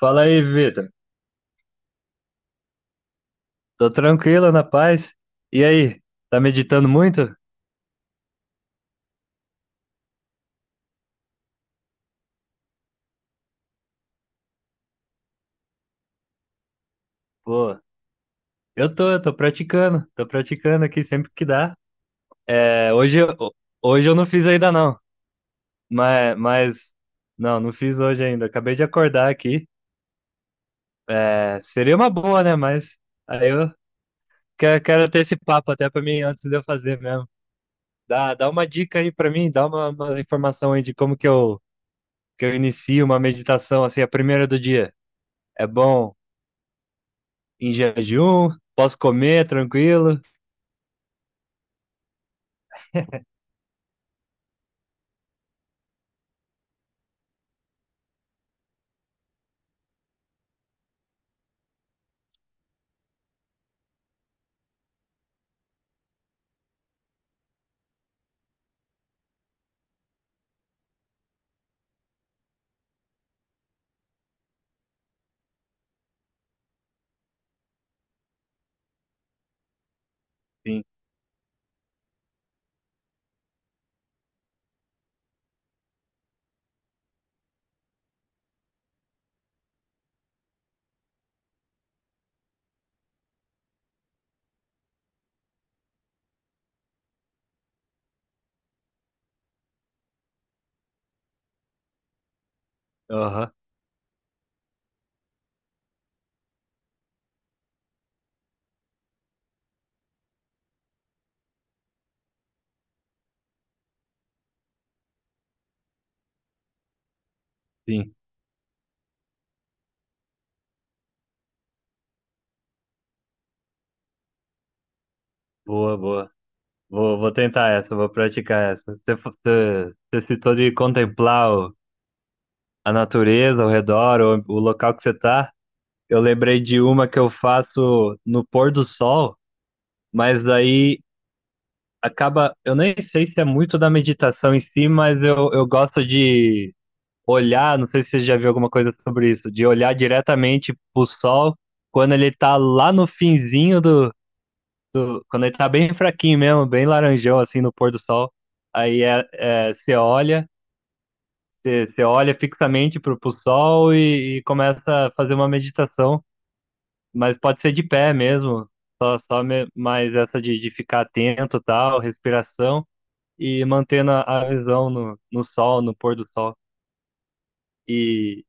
Fala aí, Vitor. Tô tranquilo, na paz. E aí, tá meditando muito? Pô, eu tô praticando aqui sempre que dá. É, hoje, hoje eu não fiz ainda não, mas não fiz hoje ainda. Acabei de acordar aqui. É, seria uma boa, né? Mas aí eu quero ter esse papo até pra mim antes de eu fazer mesmo. Dá uma dica aí pra mim, dá umas informações aí de como que que eu inicio uma meditação assim, a primeira do dia. É bom. Em jejum, posso comer tranquilo. Sim, aham, sim. Boa, boa. Vou tentar essa, vou praticar essa. Você citou de contemplar a natureza ao redor, o local que você tá. Eu lembrei de uma que eu faço no pôr do sol, mas aí acaba. Eu nem sei se é muito da meditação em si, mas eu gosto de olhar. Não sei se você já viu alguma coisa sobre isso, de olhar diretamente pro sol quando ele tá lá no finzinho quando ele tá bem fraquinho mesmo, bem laranjão, assim, no pôr do sol. Aí você olha fixamente pro sol e começa a fazer uma meditação, mas pode ser de pé mesmo, mais essa de ficar atento, tal, respiração, e mantendo a visão no sol, no pôr do sol. E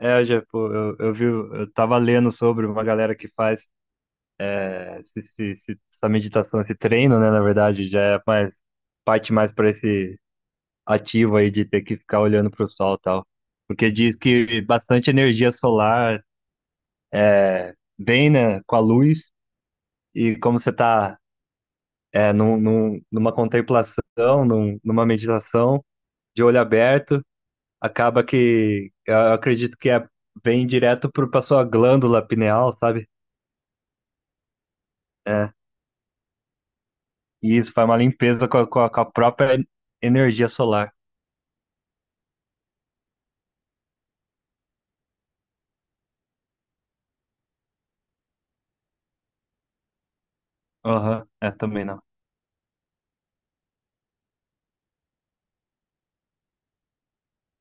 já, pô, eu tava lendo sobre uma galera que faz essa meditação, esse treino, né, na verdade, já é mais, parte mais para esse ativo aí de ter que ficar olhando para o sol e tal. Porque diz que bastante energia solar vem, né, com a luz e como você está numa contemplação, numa meditação de olho aberto, acaba que eu acredito que vem direto para a sua glândula pineal, sabe? É, e isso faz uma limpeza com a própria energia solar. Aham, é, também não.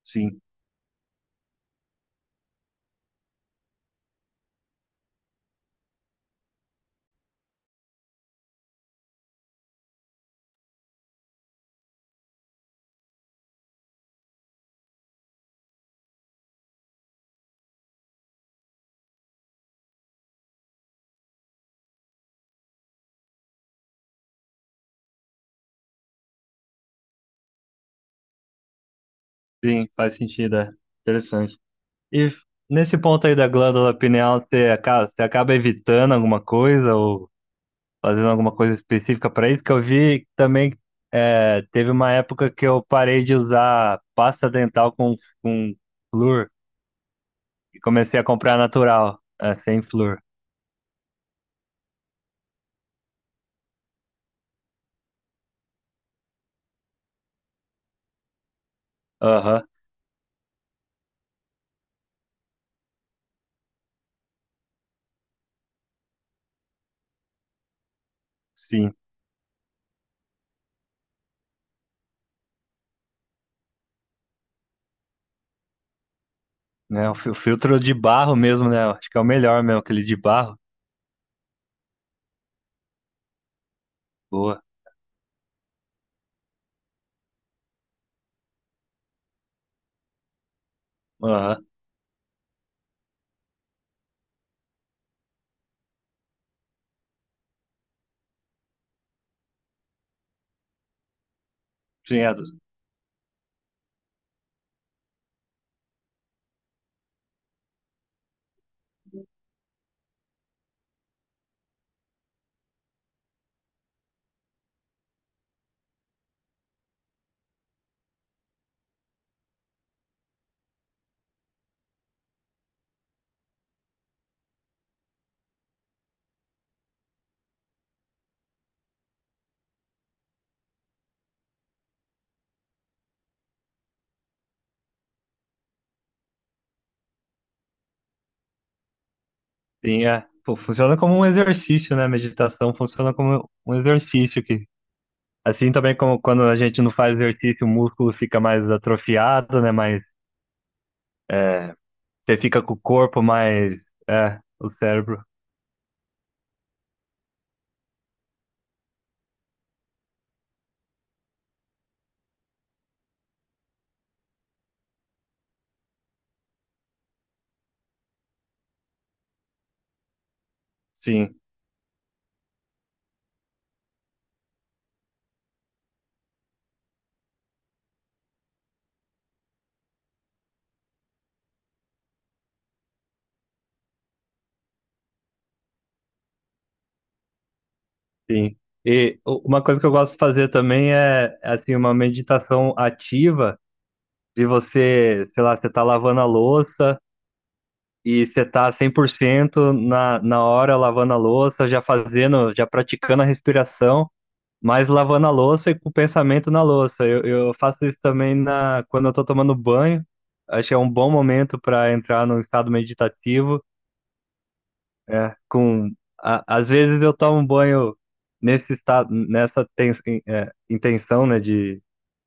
Sim, sim, faz sentido, é. Interessante. E nesse ponto aí da glândula pineal, você acaba evitando alguma coisa ou fazendo alguma coisa específica para isso? Que eu vi também, teve uma época que eu parei de usar pasta dental com flúor e comecei a comprar natural, sem flúor. Aham, sim. Né, o filtro de barro mesmo, né? Acho que é o melhor mesmo, aquele de barro. Boa. Aham. Sim, é, sim, é. Pô, funciona como um exercício, né? Meditação funciona como um exercício que assim também como quando a gente não faz exercício, o músculo fica mais atrofiado, né? Mais, é, você fica com o corpo mais, o cérebro. Sim, sim. E uma coisa que eu gosto de fazer também é, assim, uma meditação ativa, de você, sei lá, você tá lavando a louça e você tá 100% na hora lavando a louça, já fazendo, já praticando a respiração. Mas lavando a louça e com o pensamento na louça. Eu faço isso também quando eu tô tomando banho. Acho que é um bom momento para entrar num estado meditativo. É, às vezes eu tomo banho nesse estado, intenção, né, de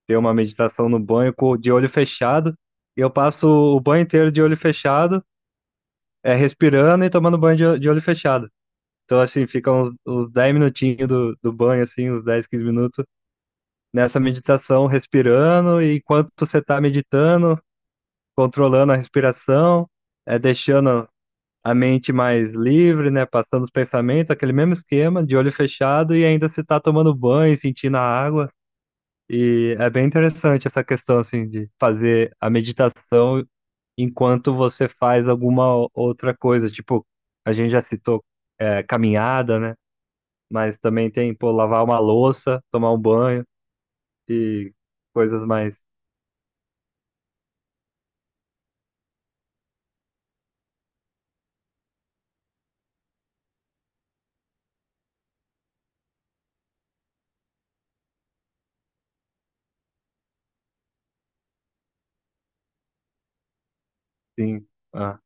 ter uma meditação no banho de olho fechado. E eu passo o banho inteiro de olho fechado, respirando e tomando banho de olho fechado. Então, assim, fica uns 10 minutinhos do banho, assim, uns 10 15 minutos nessa meditação respirando e enquanto você está meditando, controlando a respiração, deixando a mente mais livre, né, passando os pensamentos, aquele mesmo esquema de olho fechado e ainda se está tomando banho, sentindo a água. E é bem interessante essa questão assim de fazer a meditação enquanto você faz alguma outra coisa, tipo, a gente já citou caminhada, né? Mas também tem, pô, lavar uma louça, tomar um banho e coisas mais. Sim. Ah,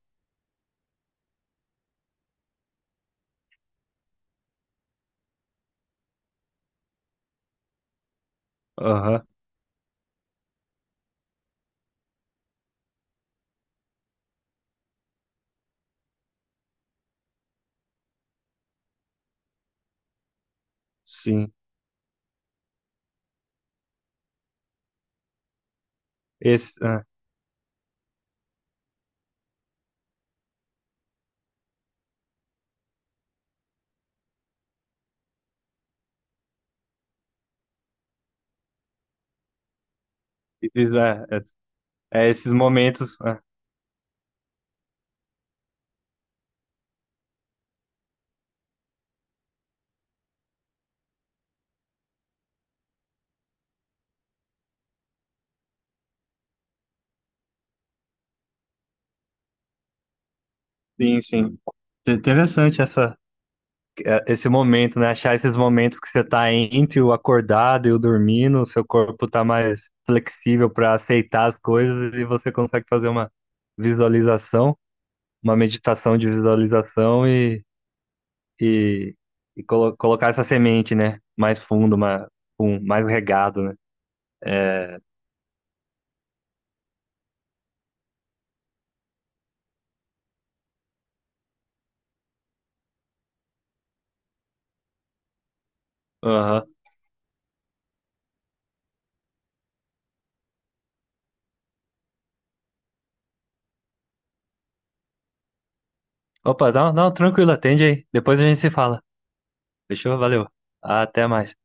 aham, sim. Esse, ah, esses, ah, esses momentos. Ah, sim, sim. Interessante essa, esse momento, né? Achar esses momentos que você tá entre o acordado e o dormindo, o seu corpo tá mais flexível para aceitar as coisas e você consegue fazer uma visualização, uma meditação de visualização e, e colocar essa semente, né? Mais fundo, mais regado, né? Opa, não, não, tranquilo, atende aí. Depois a gente se fala. Fechou? Valeu. Até mais.